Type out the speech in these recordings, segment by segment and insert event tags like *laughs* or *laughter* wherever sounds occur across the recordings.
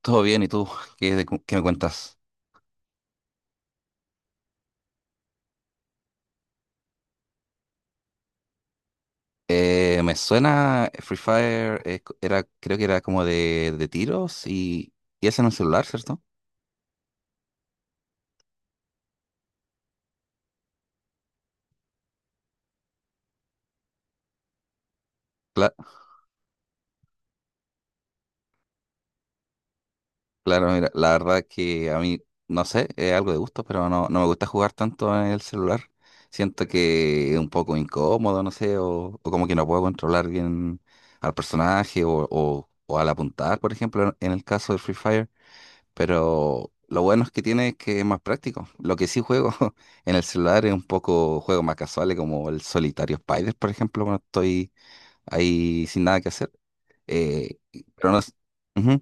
Todo bien, ¿y tú? ¿Qué, qué me cuentas? Me suena Free Fire, era, creo que era como de tiros y es en un celular, ¿cierto? Cla- claro, mira, la verdad que a mí, no sé, es algo de gusto, pero no, no me gusta jugar tanto en el celular. Siento que es un poco incómodo, no sé, o como que no puedo controlar bien al personaje o al apuntar, por ejemplo, en el caso de Free Fire. Pero lo bueno es que tiene es que es más práctico. Lo que sí juego *laughs* en el celular es un poco juegos más casuales como el solitario Spider, por ejemplo, cuando estoy ahí sin nada que hacer. Y- pero no, s- Ujú,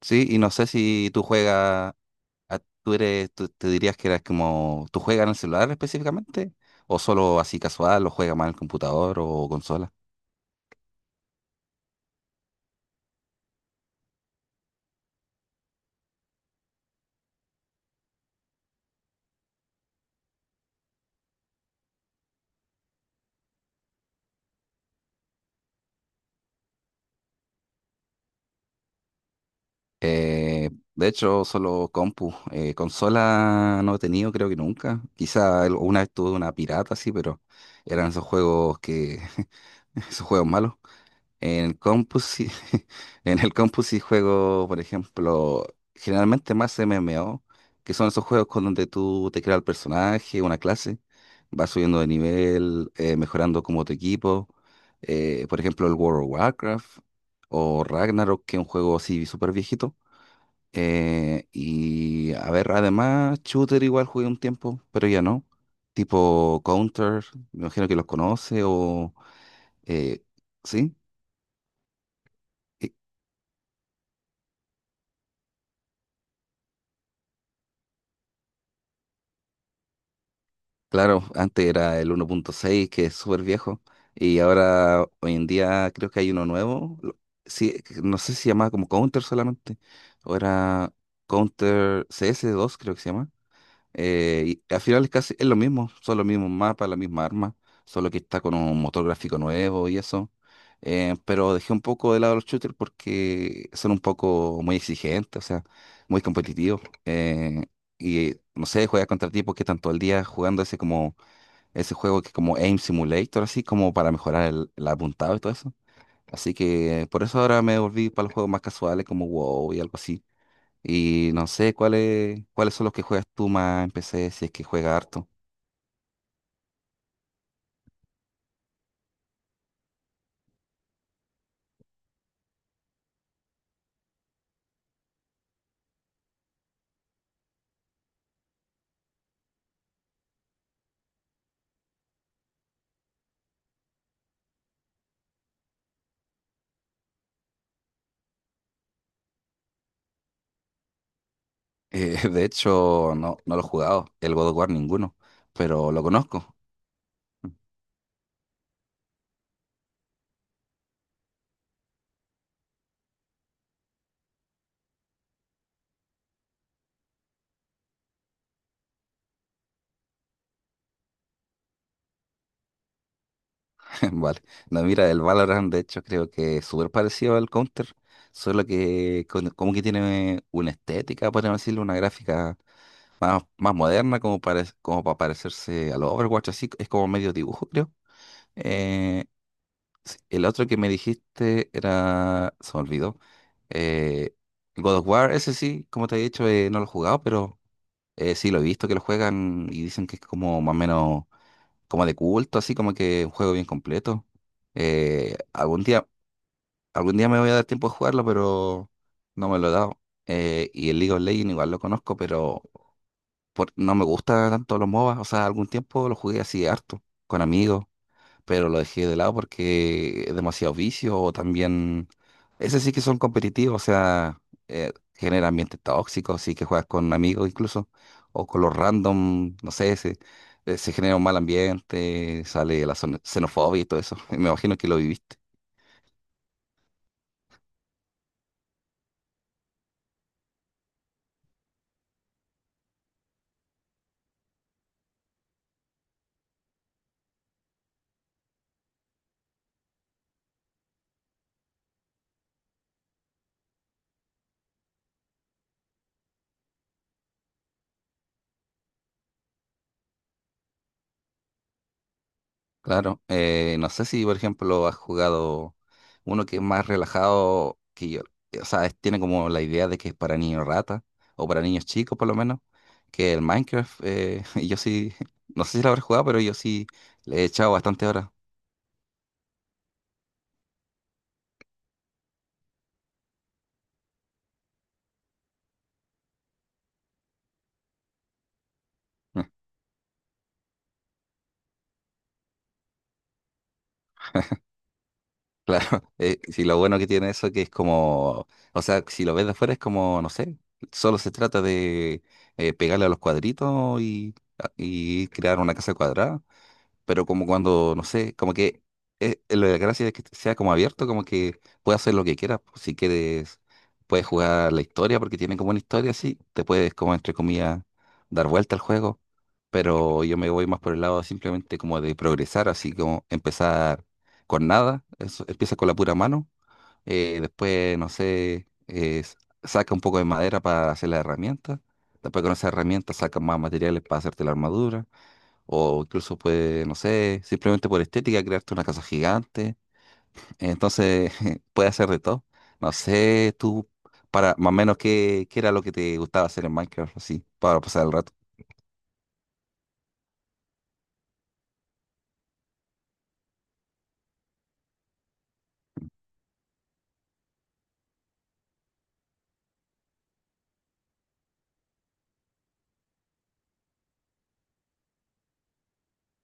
sí, y no sé si tú juegas, te dirías que eras como, ¿tú juegas en el celular específicamente? ¿O solo así casual, o juegas más en el computador o consola? Eh, de hecho, solo compu. Consola no he tenido, creo que nunca. Quizá una vez tuve una pirata, sí, pero eran esos juegos que... *laughs* esos juegos malos. En el compu sí, *laughs* en el compu sí juego, por ejemplo, generalmente más MMO, que son esos juegos con donde tú te creas el personaje, una clase, vas subiendo de nivel, mejorando como tu equipo. Por ejemplo, el World of Warcraft o Ragnarok, que es un juego así súper viejito. Y a ver, además, Shooter igual jugué un tiempo, pero ya no. Tipo Counter, me imagino que los conoce o... eh, sí, Y claro, antes era el uno punto seis que es súper viejo, y ahora hoy en día creo que hay uno nuevo. Sí, no sé si se llamaba como Counter solamente, o era Counter cs dos creo que se llama. Y al final es casi es lo mismo, son los mismos mapas, la misma arma, solo que está con un motor gráfico nuevo y eso. Pero dejé un poco de lado los shooters porque son un poco muy exigentes, o sea, muy competitivos. Y no sé, juegas contra tipos que están todo el día jugando ese juego que es como Aim Simulator, así como para mejorar el apuntado y todo eso. Así que por eso ahora me volví para los juegos más casuales como WoW y algo así. Y no sé cuáles son los que juegas tú más en PC, si es que juega harto. *laughs* De hecho, no, no lo he jugado, el God of War ninguno, pero lo conozco. *laughs* Vale. No, mira, el Valorant, de hecho, creo que es súper parecido al Counter, solo que como que tiene una estética, podríamos decirlo, una gráfica más, más moderna, como para parecerse al Overwatch, así es como medio dibujo, creo. Eh, Sí, el otro que me dijiste era, se me olvidó, eh, God of War, ese sí, como te he dicho, no lo he jugado, pero sí lo he visto que lo juegan y dicen que es como más o menos como de culto, así como que un juego bien completo. Eh, algún día, algún día me voy a dar tiempo de jugarlo, pero no me lo he dado. Y el League of Legends igual lo conozco, pero no me gusta tanto los MOBA, o sea, algún tiempo lo jugué así harto, con amigos, pero lo dejé de lado porque es demasiado vicio o también, ese sí que son competitivos, o sea, genera ambientes tóxicos, sí que juegas con amigos incluso, o con los random, no sé, se genera un mal ambiente, sale la xenofobia y todo eso, *laughs* me imagino que lo viviste. Claro, no sé si por ejemplo has jugado uno que es más relajado que yo, o sea, tiene como la idea de que es para niños rata o para niños chicos por lo menos, que el Minecraft, *laughs* y yo sí, *laughs* no sé si lo habré jugado, pero yo sí le he echado bastante horas. *laughs* Claro, sí, lo bueno que tiene eso que es como, o sea, si lo ves de afuera es como, no sé, solo se trata de pegarle a los cuadritos y crear una casa cuadrada, pero como cuando, no sé, como que la gracia es que sea como abierto, como que puedes hacer lo que quieras. Pues, si quieres, puedes jugar la historia, porque tiene como una historia así, te puedes, como entre comillas, dar vuelta al juego. Pero yo me voy más por el lado simplemente como de progresar, así como empezar con nada, eso, empieza con la pura mano, después, no sé, s- saca un poco de madera para hacer la herramienta, después con esa herramienta saca más materiales para hacerte la armadura o incluso puede, no sé, simplemente por estética, crearte una casa gigante. Entonces, *laughs* puede hacer de todo. No sé, tú, para más o menos, qué era lo que te gustaba hacer en Minecraft, así, para pasar el rato.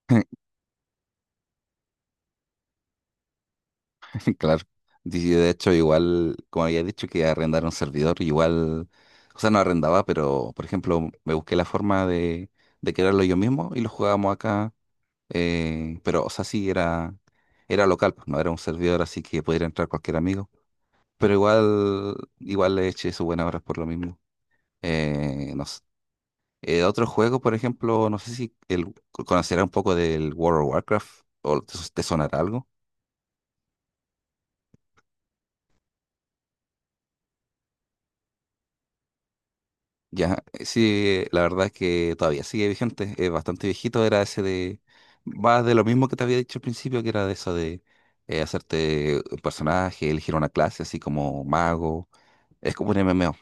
*laughs* Claro. Y de hecho, igual, como había dicho, que arrendar un servidor, igual, o sea, no arrendaba, pero, por ejemplo, me busqué la forma de crearlo yo mismo y lo jugábamos acá. Pero, o sea, sí, era, era local, pues, no era un servidor así que pudiera entrar cualquier amigo, pero igual le eché su buena hora por lo mismo. No sé. Otro juego, por ejemplo, no sé si el, conocerá un poco del World of Warcraft o te sonará algo. Ya, sí, la verdad es que todavía sigue vigente, es bastante viejito, era ese de, va de lo mismo que te había dicho al principio, que era de eso de hacerte un personaje, elegir una clase, así como mago, es como un MMO.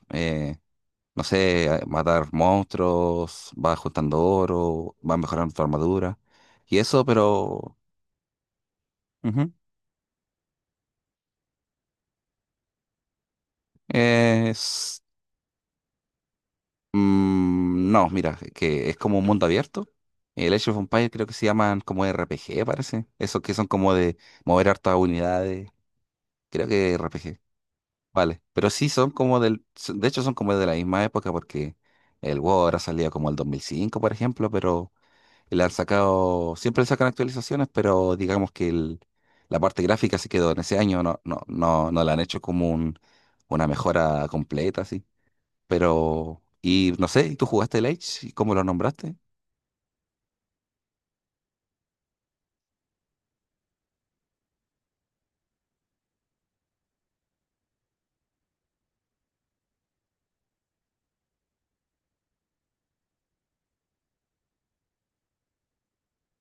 No sé, matar monstruos, vas juntando oro, vas mejorando tu armadura. Y eso, pero... ujú, es... no, mira, que es como un mundo abierto. El Age of Empires creo que se llaman como RPG, parece. Esos que son como de mover hartas unidades. Creo que RPG. Vale. Pero sí son como del... De hecho son como de la misma época porque el WoW ahora salía como el 2005, por ejemplo, pero... Le han sacado, siempre le sacan actualizaciones, pero digamos que la parte gráfica se quedó en ese año, no la han hecho como un, una mejora completa, así. Pero, y no sé, ¿tú jugaste el Age? ¿Cómo lo nombraste?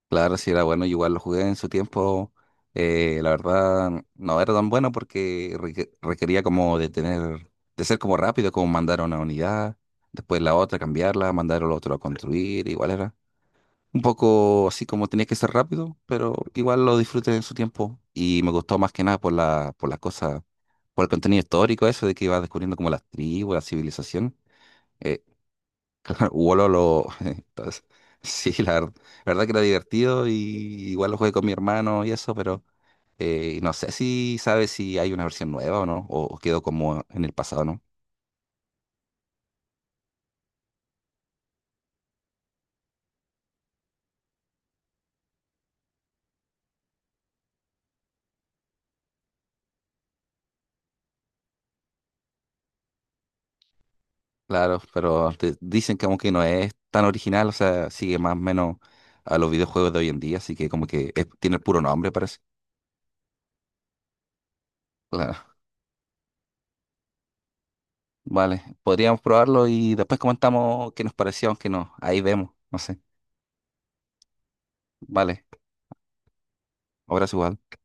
Claro, sí era bueno, yo igual lo jugué en su tiempo. La verdad, no era tan bueno porque requería como de tener, de ser como rápido, como mandar a una unidad, después la otra, cambiarla, mandar al otro a construir, igual era. Un poco así como tenía que ser rápido, pero igual lo disfruté en su tiempo. Y me gustó más que nada por la, por las cosas, por el contenido histórico, eso de que iba descubriendo como las tribus, la civilización. Eh, *laughs* claro, Wolo lo. *laughs* entonces, sí, la verdad, que era divertido y igual lo jugué con mi hermano y eso, pero no sé si sabes si hay una versión nueva o no, o quedó como en el pasado, ¿no? Claro, pero dicen que aunque no es tan original, o sea, sigue más o menos a los videojuegos de hoy en día, así que como que tiene el puro nombre, parece. Claro, vale, podríamos probarlo y después comentamos qué nos pareció, aunque no, ahí vemos, no sé. Vale, ahora es igual.